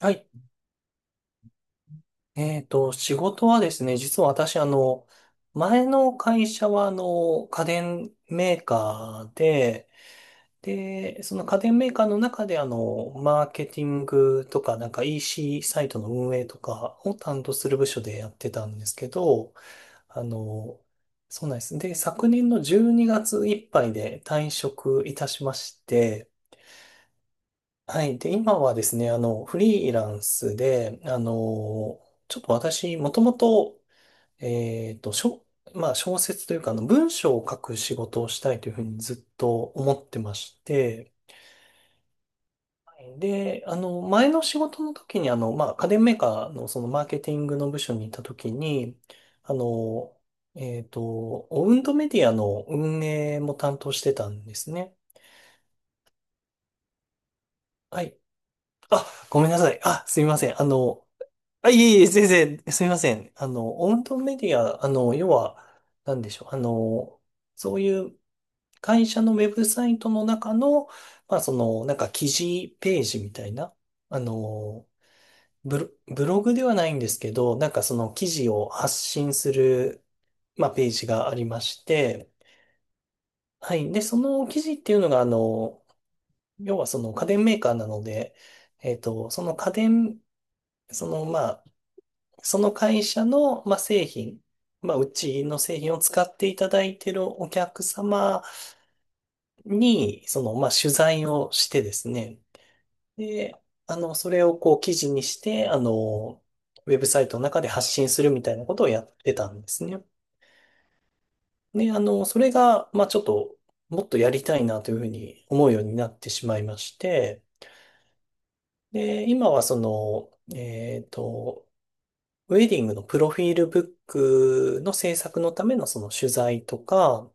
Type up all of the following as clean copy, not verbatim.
はい。仕事はですね、実は私、前の会社は、家電メーカーで、で、その家電メーカーの中で、マーケティングとか、なんか EC サイトの運営とかを担当する部署でやってたんですけど、あの、そうなんです。で、昨年の12月いっぱいで退職いたしまして、はい。で、今はですね、フリーランスで、ちょっと私、もともと、えっと、しょ、まあ、小説というか、文章を書く仕事をしたいというふうにずっと思ってまして、はい。で、前の仕事の時に、まあ、家電メーカーのそのマーケティングの部署にいた時に、あの、えっと、オウンドメディアの運営も担当してたんですね。はい。あ、ごめんなさい。あ、すみません。あ、いえいえ、全然、すみません。オウンドメディア、要は、なんでしょう。そういう会社のウェブサイトの中の、まあ、その、なんか記事ページみたいな、あの、ブロ、ブログではないんですけど、なんかその記事を発信する、まあ、ページがありまして、はい。で、その記事っていうのが、要はその家電メーカーなので、その家電、その、まあ、その会社の、まあ、製品、まあ、うちの製品を使っていただいているお客様に、その、まあ、取材をしてですね、で、それをこう記事にして、ウェブサイトの中で発信するみたいなことをやってたんですね。で、それが、まあ、ちょっと、もっとやりたいなというふうに思うようになってしまいまして、で、今はその、えっと、ウェディングのプロフィールブックの制作のためのその取材とか、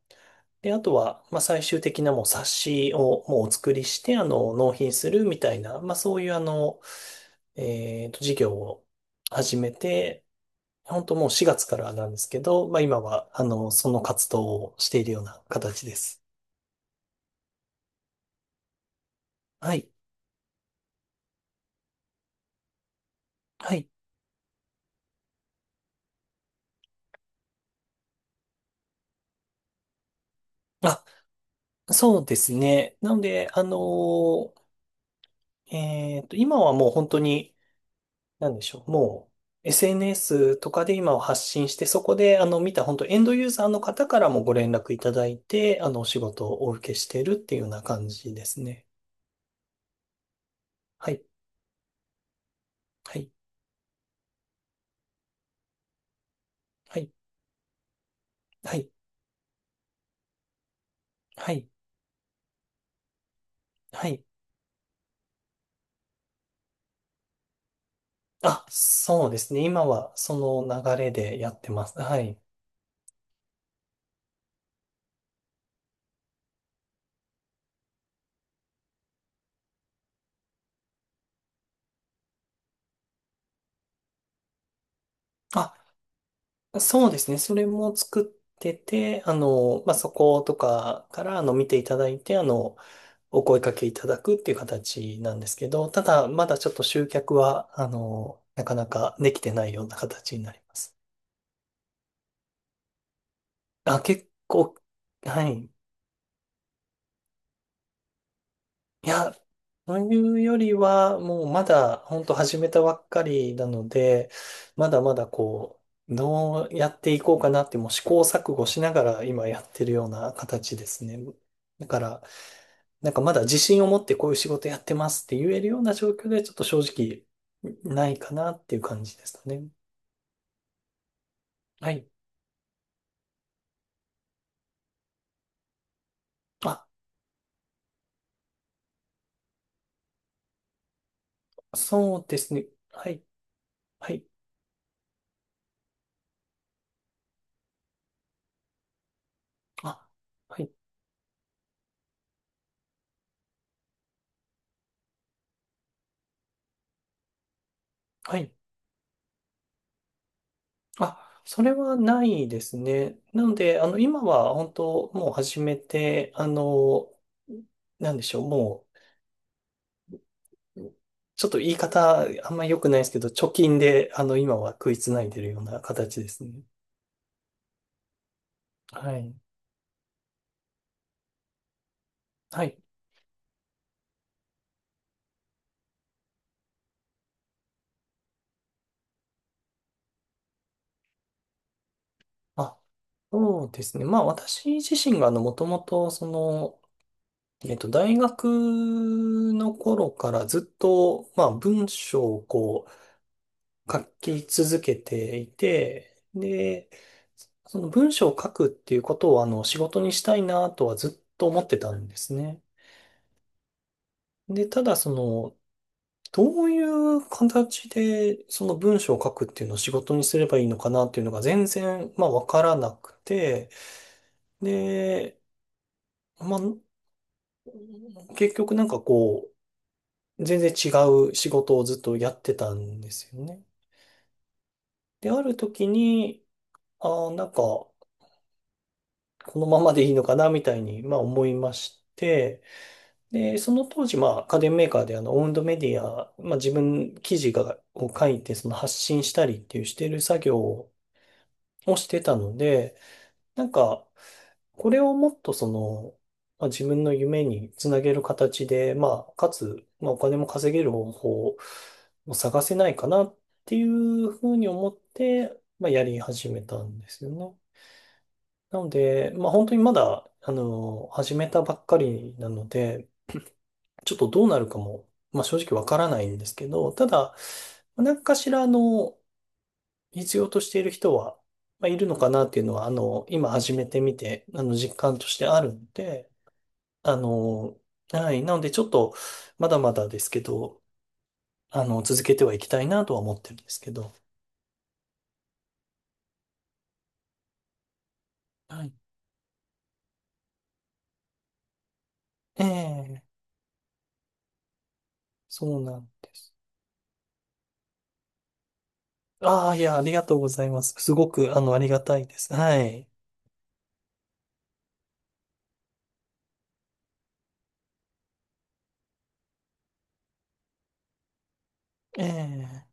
で、あとは、まあ、最終的なもう冊子をもうお作りして、納品するみたいな、まあ、そういう事業を始めて、本当もう4月からなんですけど、まあ、今は、その活動をしているような形です。はい。はい。あ、そうですね。なので、今はもう本当に、なんでしょう。もう SNS とかで今を発信して、そこで見た本当エンドユーザーの方からもご連絡いただいて、お仕事をお受けしているっていうような感じですね。はい。はい。はい。はい。はい。はい。あ、そうですね。今はその流れでやってます。はい。あ、そうですね。それも作ってて、まあ、そことかから見ていただいて、お声掛けいただくっていう形なんですけど、ただ、まだちょっと集客は、なかなかできてないような形になります。あ、結構、はい。いや、というよりは、もうまだ、本当始めたばっかりなので、まだまだこう、どうやっていこうかなって、もう試行錯誤しながら今やってるような形ですね。だから、なんかまだ自信を持ってこういう仕事やってますって言えるような状況でちょっと正直ないかなっていう感じですかね。はい。あ、そうですね。はい。はい。あ、はい。はい。あ、それはないですね。なので、今は本当もう始めて、なんでしょう、もう、ちょっと言い方あんま良くないですけど、貯金で、今は食いつないでるような形ですね。はい。はい。あ、そうですね。まあ私自身がもともとその、大学の頃からずっと、まあ文章をこう書き続けていて、で、その文章を書くっていうことを仕事にしたいなとはずっと思ってたんですね。で、ただその、どういう形でその文章を書くっていうのを仕事にすればいいのかなっていうのが全然、まあわからなくて、で、まあ結局なんかこう、全然違う仕事をずっとやってたんですよね。で、ある時に、ああ、なんか、このままでいいのかな、みたいに、まあ思いまして、で、その当時、まあ家電メーカーでオウンドメディア、まあ自分記事を書いて、その発信したりっていうしてる作業をしてたので、なんか、これをもっとその、まあ、自分の夢につなげる形で、まあ、かつ、まあ、お金も稼げる方法を探せないかなっていうふうに思って、まあ、やり始めたんですよね。なので、まあ、本当にまだ、始めたばっかりなので、ちょっとどうなるかも、まあ、正直わからないんですけど、ただ、何かしら、必要としている人は、まあ、いるのかなっていうのは、今始めてみて、実感としてあるので、あの、はい。なので、ちょっと、まだまだですけど、続けてはいきたいなとは思ってるんですけど。はい。ええ、そうなんです。ああ、いや、ありがとうございます。すごく、ありがたいです。はい。ええ、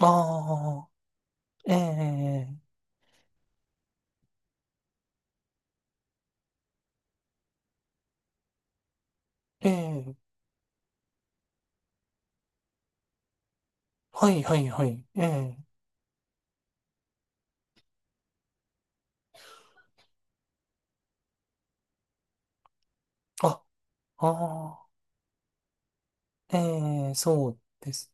ああ、ええ、ええ、はい、はい、はい。ええ、あ、ああ、ええ、そうです。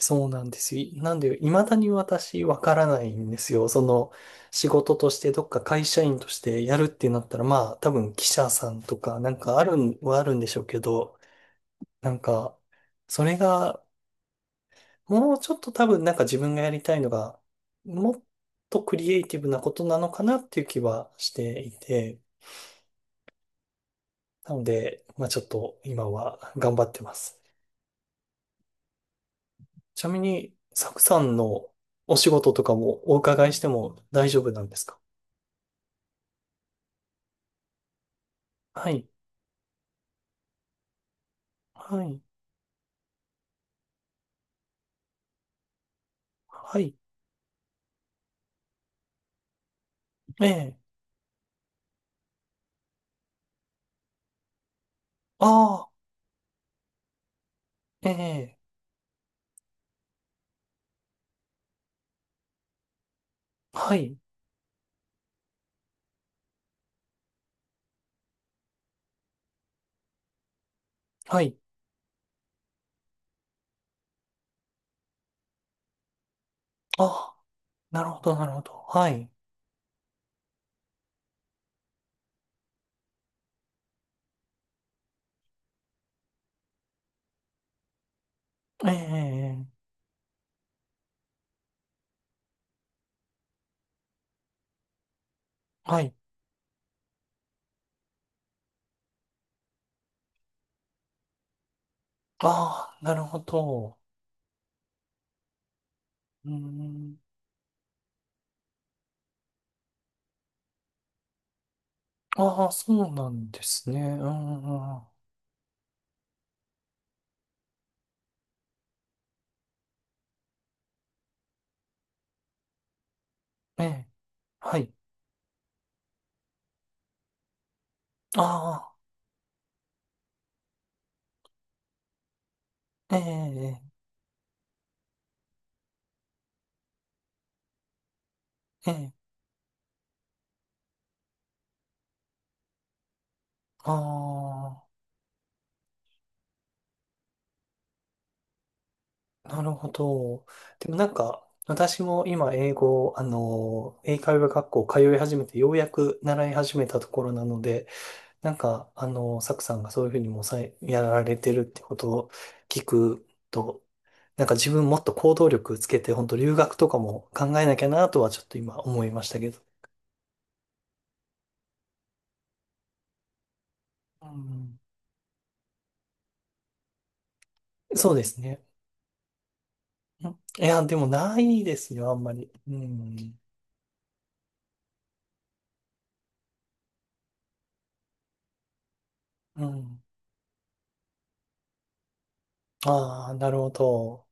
そうなんですよ。なんで、未だに私わからないんですよ。その、仕事としてどっか会社員としてやるってなったら、まあ、多分記者さんとか、なんかあるんはあるんでしょうけど、なんか、それが、もうちょっと多分なんか自分がやりたいのが、もっとクリエイティブなことなのかなっていう気はしていて、なので、まあちょっと今は頑張ってます。ちなみに、サクさんのお仕事とかもお伺いしても大丈夫なんですか？はい。はい。はい。ええ。ああ。ええ。はい。はい。ああ。なるほど、なるほど。はい。ええ。はい。ああ、なるほど。うーん。ああ、そうなんですね。うん、うん、うん。ええ。はい。ああ。ええ。ええ。ああ。なるほど。でもなんか、私も今英語、英会話学校通い始めて、ようやく習い始めたところなので、なんか、サクさんがそういうふうにもうやられてるってことを聞くと、なんか自分もっと行動力つけて、本当留学とかも考えなきゃなとはちょっと今思いましたけど。うん。そうですね。うん。いや、でもないですよ、あんまり。うん。うん。ああ、なるほど。